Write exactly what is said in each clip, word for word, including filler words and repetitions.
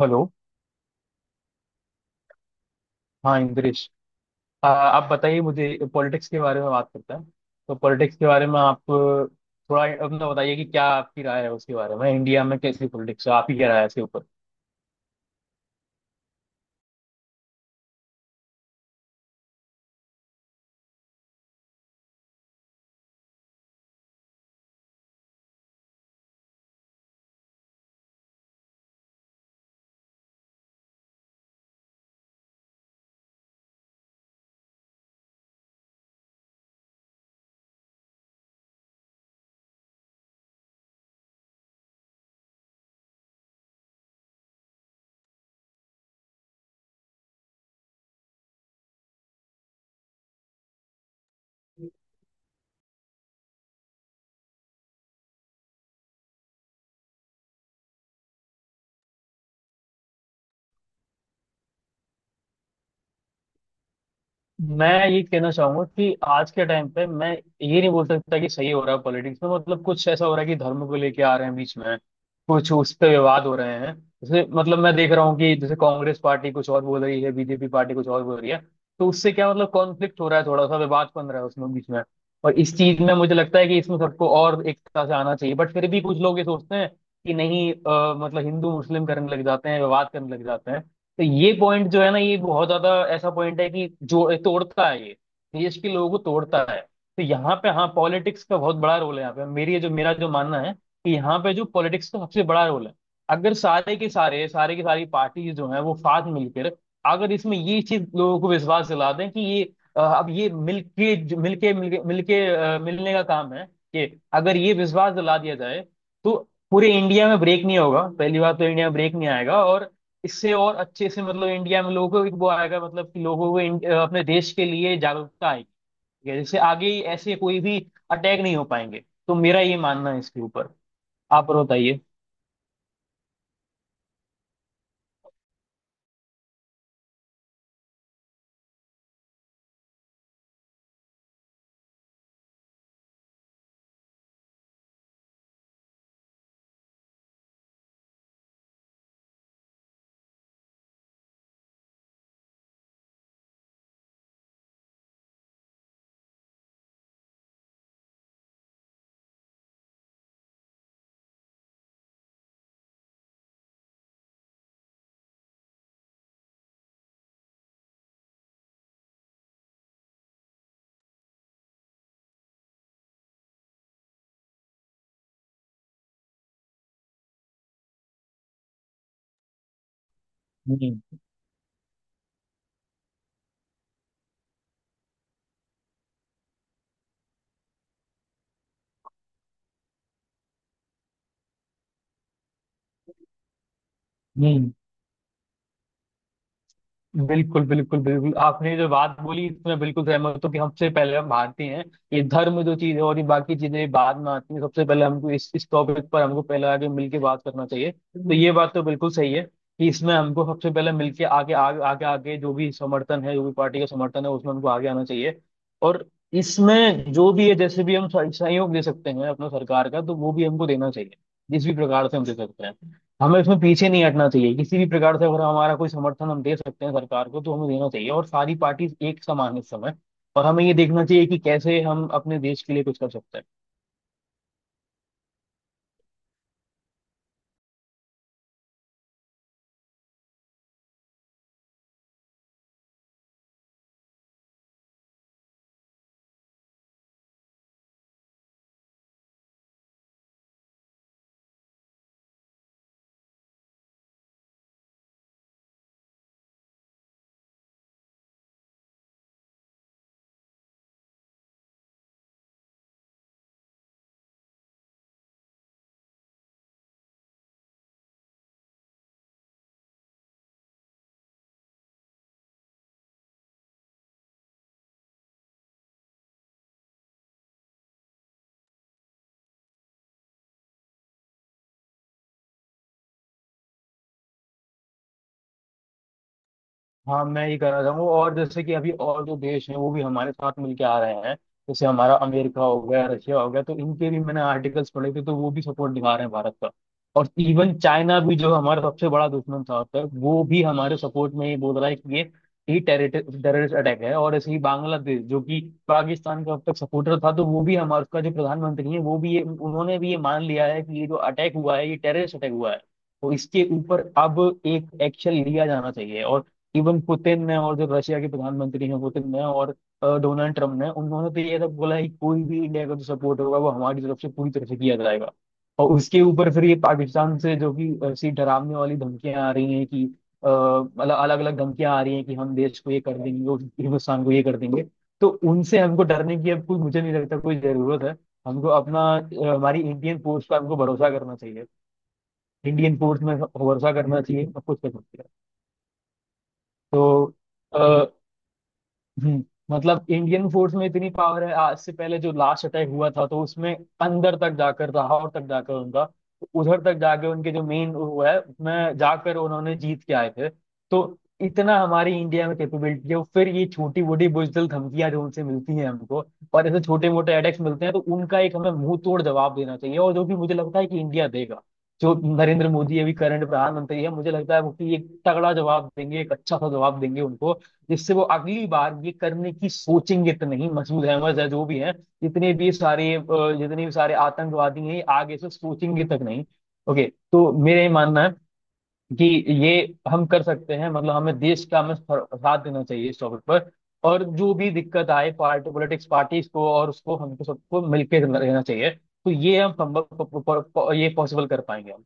Hello. हाँ इंद्रेश। आ, आप बताइए मुझे पॉलिटिक्स के बारे में बात करते हैं। तो पॉलिटिक्स के बारे में आप थोड़ा अपना बताइए कि क्या आपकी राय है उसके बारे में। इंडिया में कैसी पॉलिटिक्स है आप ही क्या राय है इसके ऊपर। मैं ये कहना चाहूंगा कि आज के टाइम पे मैं ये नहीं बोल सकता कि सही हो रहा है पॉलिटिक्स में। मतलब कुछ ऐसा हो रहा है कि धर्म को लेके आ रहे हैं बीच में। कुछ उस पे विवाद हो रहे हैं। जैसे मतलब मैं देख रहा हूँ कि जैसे कांग्रेस पार्टी कुछ और बोल रही है बी जे पी पार्टी कुछ और बोल रही है। तो उससे क्या मतलब कॉन्फ्लिक्ट हो रहा है थोड़ा सा विवाद बन रहा है उसमें बीच में। और इस चीज में मुझे लगता है कि इसमें सबको और एकता से आना चाहिए बट फिर भी कुछ लोग ये सोचते हैं कि नहीं अ, मतलब हिंदू मुस्लिम करने लग जाते हैं विवाद करने लग जाते हैं। तो ये पॉइंट जो है ना ये बहुत ज्यादा ऐसा पॉइंट है कि जो तोड़ता है ये देश के लोगों को तोड़ता है। तो यहाँ पे हाँ पॉलिटिक्स का बहुत बड़ा रोल है यहाँ पे मेरी जो मेरा जो मानना है कि यहाँ पे जो पॉलिटिक्स का सबसे बड़ा रोल है। अगर सारे के सारे सारे की सारी पार्टी जो है वो साथ मिलकर अगर इसमें ये चीज लोगों को विश्वास दिला दें कि ये अ, अब ये मिलके जो- मिलके मिलके मिलके अ, मिलने का काम है कि अगर ये विश्वास दिला दिया जाए। तो पूरे इंडिया में ब्रेक नहीं होगा पहली बात तो इंडिया में ब्रेक नहीं आएगा। और इससे और अच्छे से मतलब इंडिया में लोगों को वो आएगा मतलब कि लोगों को इन- अपने देश के लिए जागरूकता आएगी। ठीक है, जिससे आगे ऐसे कोई भी अटैक नहीं हो पाएंगे। तो मेरा ये मानना है इसके ऊपर। आप और बताइए। हम्म। हम्म। बिल्कुल बिल्कुल बिल्कुल आपने जो बात बोली इसमें बिल्कुल सहमत हूँ कि हमसे पहले हम भारतीय हैं। ये धर्म जो चीज है और ये बाकी चीजें बाद में आती है सबसे पहले हमको इस इस टॉपिक पर हमको पहले आगे मिलके बात करना चाहिए। तो ये बात तो बिल्कुल सही है कि इसमें हमको सबसे पहले मिलके आगे आगे आगे आगे जो भी समर्थन है जो भी पार्टी का समर्थन है उसमें हमको आगे आना चाहिए। और इसमें जो भी है जैसे भी हम सह- सहयोग दे सकते हैं अपना सरकार का तो वो भी हमको देना चाहिए। जिस भी प्रकार से हम दे सकते हैं। हमें इसमें पीछे नहीं हटना चाहिए किसी भी प्रकार से अगर हमारा कोई समर्थन हम दे सकते हैं सरकार को तो हमें देना चाहिए और सारी पार्टीज एक समान इस समय। और हमें ये देखना चाहिए कि कैसे हम अपने देश के लिए कुछ कर सकते हैं। हाँ मैं ये कह रहा हूँ और जैसे कि अभी और जो देश हैं वो भी हमारे साथ मिलके आ रहे हैं। जैसे हमारा अमेरिका हो गया रशिया हो गया तो इनके भी मैंने आर्टिकल्स पढ़े थे तो वो भी सपोर्ट दिखा रहे हैं भारत का। और इवन चाइना भी जो हमारा सबसे बड़ा दुश्मन था अब तक वो भी हमारे सपोर्ट में ये बोल रहा है कि ये ही टेररिस्ट अटैक है। और ऐसे ही बांग्लादेश जो कि पाकिस्तान का अब तक सपोर्टर था तो वो भी हमारा उसका जो प्रधानमंत्री है वो भी ये उन्होंने भी ये मान लिया है कि ये जो अटैक हुआ है ये टेररिस्ट अटैक हुआ है। तो इसके ऊपर अब एक एक्शन लिया जाना चाहिए। और इवन पुतिन ने और जो रशिया के प्रधानमंत्री हैं पुतिन ने और अ, डोनाल्ड ट्रम्प ने उन्होंने तो ये तक बोला है कि कोई भी इंडिया का जो सपोर्ट होगा वो हमारी तरफ से पूरी तरह से किया जाएगा। और उसके ऊपर फिर ये पाकिस्तान से जो कि ऐसी डरावने वाली धमकियां आ रही हैं कि अ, मतलब अलग अलग धमकियां आ रही हैं कि हम देश को ये कर देंगे और हिंदुस्तान को ये कर देंगे। तो उनसे हमको डरने की अब कोई मुझे नहीं लगता कोई जरूरत है। हमको अपना अ, हमारी इंडियन फोर्स पर हमको भरोसा करना चाहिए। इंडियन फोर्स में भरोसा करना चाहिए सब कुछ कर सकते हैं। तो हम्म, मतलब इंडियन फोर्स में इतनी पावर है। आज से पहले जो लास्ट अटैक हुआ था तो उसमें अंदर तक जाकर लाहौर तक जाकर उनका उधर तक जाके उनके जो मेन वो है उसमें जाकर उन्होंने जीत के आए थे। तो इतना हमारी इंडिया में कैपेबिलिटी है और फिर ये छोटी मोटी बुजदिल धमकियां जो उनसे मिलती हैं हमको और ऐसे छोटे मोटे अटैक्स मिलते हैं तो उनका एक हमें मुंह तोड़ जवाब देना चाहिए और जो कि मुझे लगता है कि इंडिया देगा। जो नरेंद्र मोदी अभी करंट प्रधानमंत्री है मुझे लगता है वो कि एक तगड़ा जवाब देंगे एक अच्छा सा जवाब देंगे उनको। जिससे वो अगली बार ये करने की सोचेंगे तो नहीं। मसूद अहमद या जो भी हैं जितने भी सारे अ, जितने भी सारे आतंकवादी हैं ये आगे से सोचेंगे तक नहीं। ओके। तो मेरा ये मानना है कि ये हम कर सकते हैं। मतलब हमें देश का हमें फर- साथ देना चाहिए इस टॉपिक पर। और जो भी दिक्कत आए पार्टी पॉलिटिक्स पार्टीज को और उसको हमको सबको मिलकर रहना चाहिए। तो ये हम संभव प- प- प- ये पॉसिबल कर पाएंगे हम।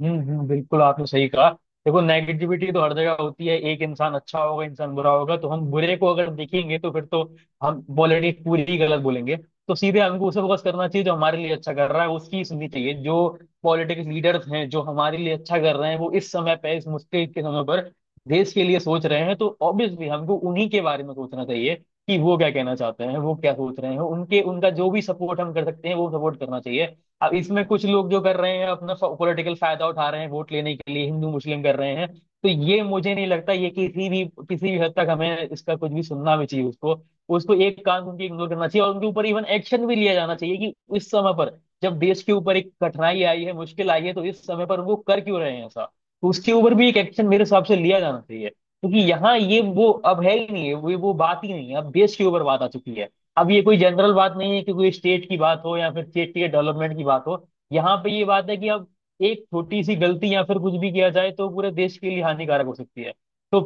हम्म। हम्म, बिल्कुल आपने सही कहा। देखो नेगेटिविटी तो हर जगह होती है एक इंसान अच्छा होगा इंसान बुरा होगा तो हम बुरे को अगर देखेंगे तो फिर तो हम पॉलिटिक्स पूरी ही गलत बोलेंगे। तो सीधे हमको उसे फोकस करना चाहिए जो हमारे लिए अच्छा कर रहा है उसकी सुननी चाहिए। जो पॉलिटिक्स लीडर्स हैं जो हमारे लिए अच्छा कर रहे हैं वो इस समय पे इस मुश्किल के समय पर देश के लिए सोच रहे हैं तो ऑब्वियसली हमको उन्हीं के बारे में सोचना चाहिए। कि वो क्या कहना चाहते हैं वो क्या सोच रहे हैं उनके उनका जो भी सपोर्ट हम कर सकते हैं वो सपोर्ट करना चाहिए। अब इसमें कुछ लोग जो कर रहे हैं अपना पॉलिटिकल फायदा उठा रहे हैं वोट लेने के लिए हिंदू मुस्लिम कर रहे हैं। तो ये मुझे नहीं लगता ये किसी भी किसी भी हद तक हमें इसका कुछ भी सुनना भी चाहिए उसको। उसको एक कान उनकी इग्नोर करना चाहिए और उनके ऊपर इवन एक्शन भी लिया जाना चाहिए कि इस समय पर जब देश के ऊपर एक कठिनाई आई है मुश्किल आई है तो इस समय पर वो कर क्यों रहे हैं ऐसा। तो उसके ऊपर भी एक एक्शन मेरे हिसाब से लिया जाना चाहिए क्योंकि यहाँ ये वो अब है ही नहीं है वो वो बात ही नहीं है अब देश के ऊपर बात आ चुकी है। अब ये कोई जनरल बात नहीं है कि कोई स्टेट की बात हो या फिर स्टेट के डेवलपमेंट की बात हो। यहाँ पे ये बात है कि अब एक छोटी सी गलती या फिर कुछ भी किया जाए तो पूरे देश के लिए हानिकारक हो सकती है। तो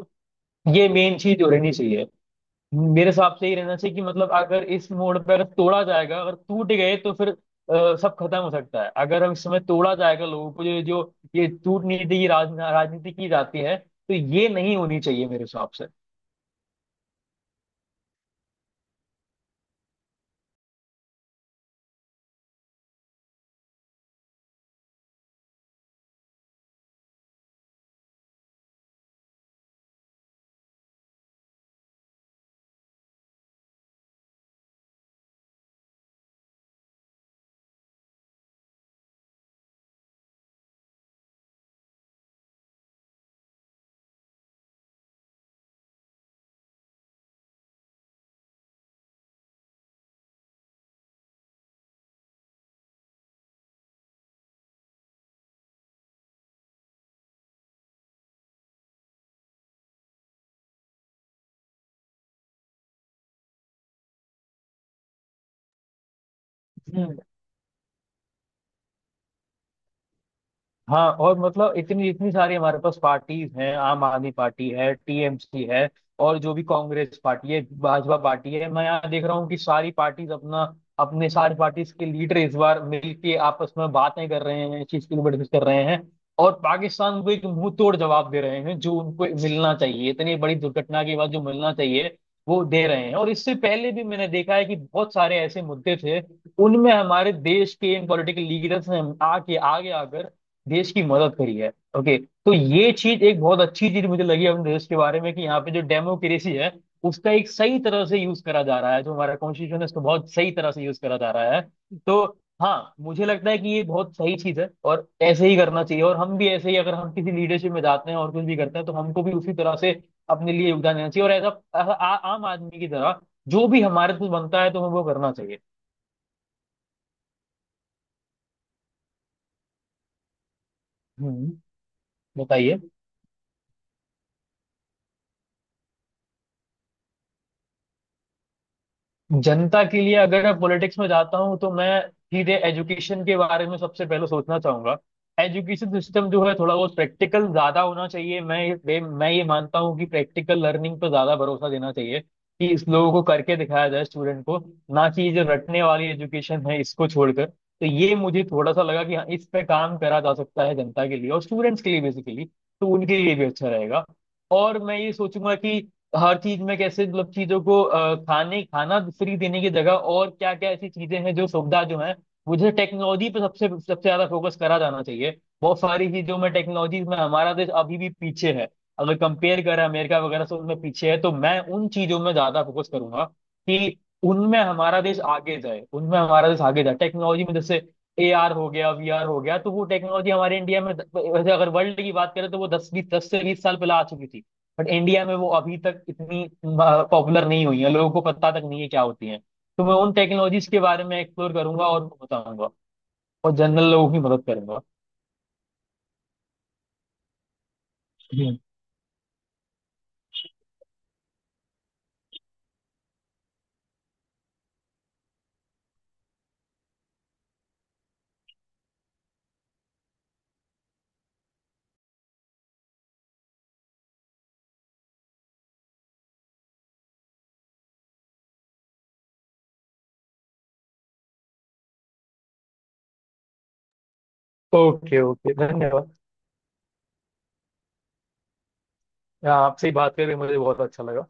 ये मेन चीज हो रहनी चाहिए। मेरे हिसाब से ये रहना चाहिए कि मतलब अगर इस मोड़ पर तोड़ा जाएगा अगर टूट गए तो फिर अ, सब खत्म हो सकता है। अगर हम इसमें तोड़ा जाएगा लोगों को जो जो ये टूट नीति की राज, राजनीति की जाती है तो ये नहीं होनी चाहिए मेरे हिसाब से। हाँ और मतलब इतनी इतनी सारी हमारे पास पार्टीज हैं। आम आदमी पार्टी है टी एम सी है और जो भी कांग्रेस पार्टी है भाजपा पार्टी है। मैं यहाँ देख रहा हूँ कि सारी पार्टीज अपना अपने सारी पार्टीज के लीडर इस बार मिलके आपस में बातें कर रहे हैं चीज के लिए डिस्कस कर रहे हैं। और पाकिस्तान को एक मुंह तोड़ जवाब दे रहे हैं जो उनको मिलना चाहिए इतनी बड़ी दुर्घटना के बाद जो मिलना चाहिए वो दे रहे हैं। और इससे पहले भी मैंने देखा है कि बहुत सारे ऐसे मुद्दे थे उनमें हमारे देश के इन पॉलिटिकल लीडर्स ने आके आगे आकर देश की मदद करी है। ओके। तो ये चीज एक बहुत अच्छी चीज मुझे लगी अपने देश के बारे में कि यहाँ पे जो डेमोक्रेसी है उसका एक सही तरह से यूज करा जा रहा है जो हमारा कॉन्स्टिट्यूशन है उसको बहुत सही तरह से यूज करा जा रहा है। तो हाँ मुझे लगता है कि ये बहुत सही चीज है और ऐसे ही करना चाहिए और हम भी ऐसे ही अगर हम किसी लीडरशिप में जाते हैं और कुछ भी करते हैं तो हमको भी उसी तरह से अपने लिए योगदान देना चाहिए। और ऐसा ऐसा आ- आम आदमी की तरह जो भी हमारे से बनता है तो हमें वो करना चाहिए। हम्म। बताइए। जनता के लिए अगर मैं पॉलिटिक्स में जाता हूँ तो मैं सीधे एजुकेशन के बारे में सबसे पहले सोचना चाहूंगा। एजुकेशन सिस्टम जो है थोड़ा बहुत प्रैक्टिकल ज्यादा होना चाहिए। मैं ये मैं मैं ये मानता हूँ कि प्रैक्टिकल लर्निंग पर ज्यादा भरोसा देना चाहिए। कि इस लोगों को करके दिखाया जाए स्टूडेंट को। ना कि ये जो रटने वाली एजुकेशन है इसको छोड़कर तो ये मुझे थोड़ा सा लगा कि हाँ इस पे काम करा जा सकता है जनता के लिए और स्टूडेंट्स के लिए बेसिकली। तो उनके लिए भी अच्छा रहेगा। और मैं ये सोचूंगा कि हर चीज में कैसे मतलब चीजों को अ, खाने खाना फ्री देने की जगह और क्या क्या ऐसी चीजें हैं जो सुविधा जो है। मुझे टेक्नोलॉजी पर सबसे सबसे ज्यादा फोकस करा जाना चाहिए। बहुत सारी चीजों में टेक्नोलॉजी में हमारा देश अभी भी पीछे है। अगर कंपेयर करें अमेरिका वगैरह से उनमें पीछे है तो मैं उन चीजों में ज्यादा फोकस करूंगा कि उनमें हमारा देश आगे जाए उनमें हमारा देश आगे जाए टेक्नोलॉजी में। जैसे ए आर हो गया वी आर हो गया तो वो टेक्नोलॉजी हमारे इंडिया में वैसे अगर वर्ल्ड की बात करें तो वो दस बीस दस से बीस साल पहले आ चुकी थी। बट इंडिया में वो अभी तक इतनी पॉपुलर नहीं हुई है लोगों को पता तक नहीं है क्या होती है। तो मैं उन टेक्नोलॉजीज के बारे में एक्सप्लोर करूंगा और बताऊंगा और जनरल लोगों की मदद करूंगा। ओके। ओके। धन्यवाद। हाँ, आपसे बात करके मुझे बहुत अच्छा लगा।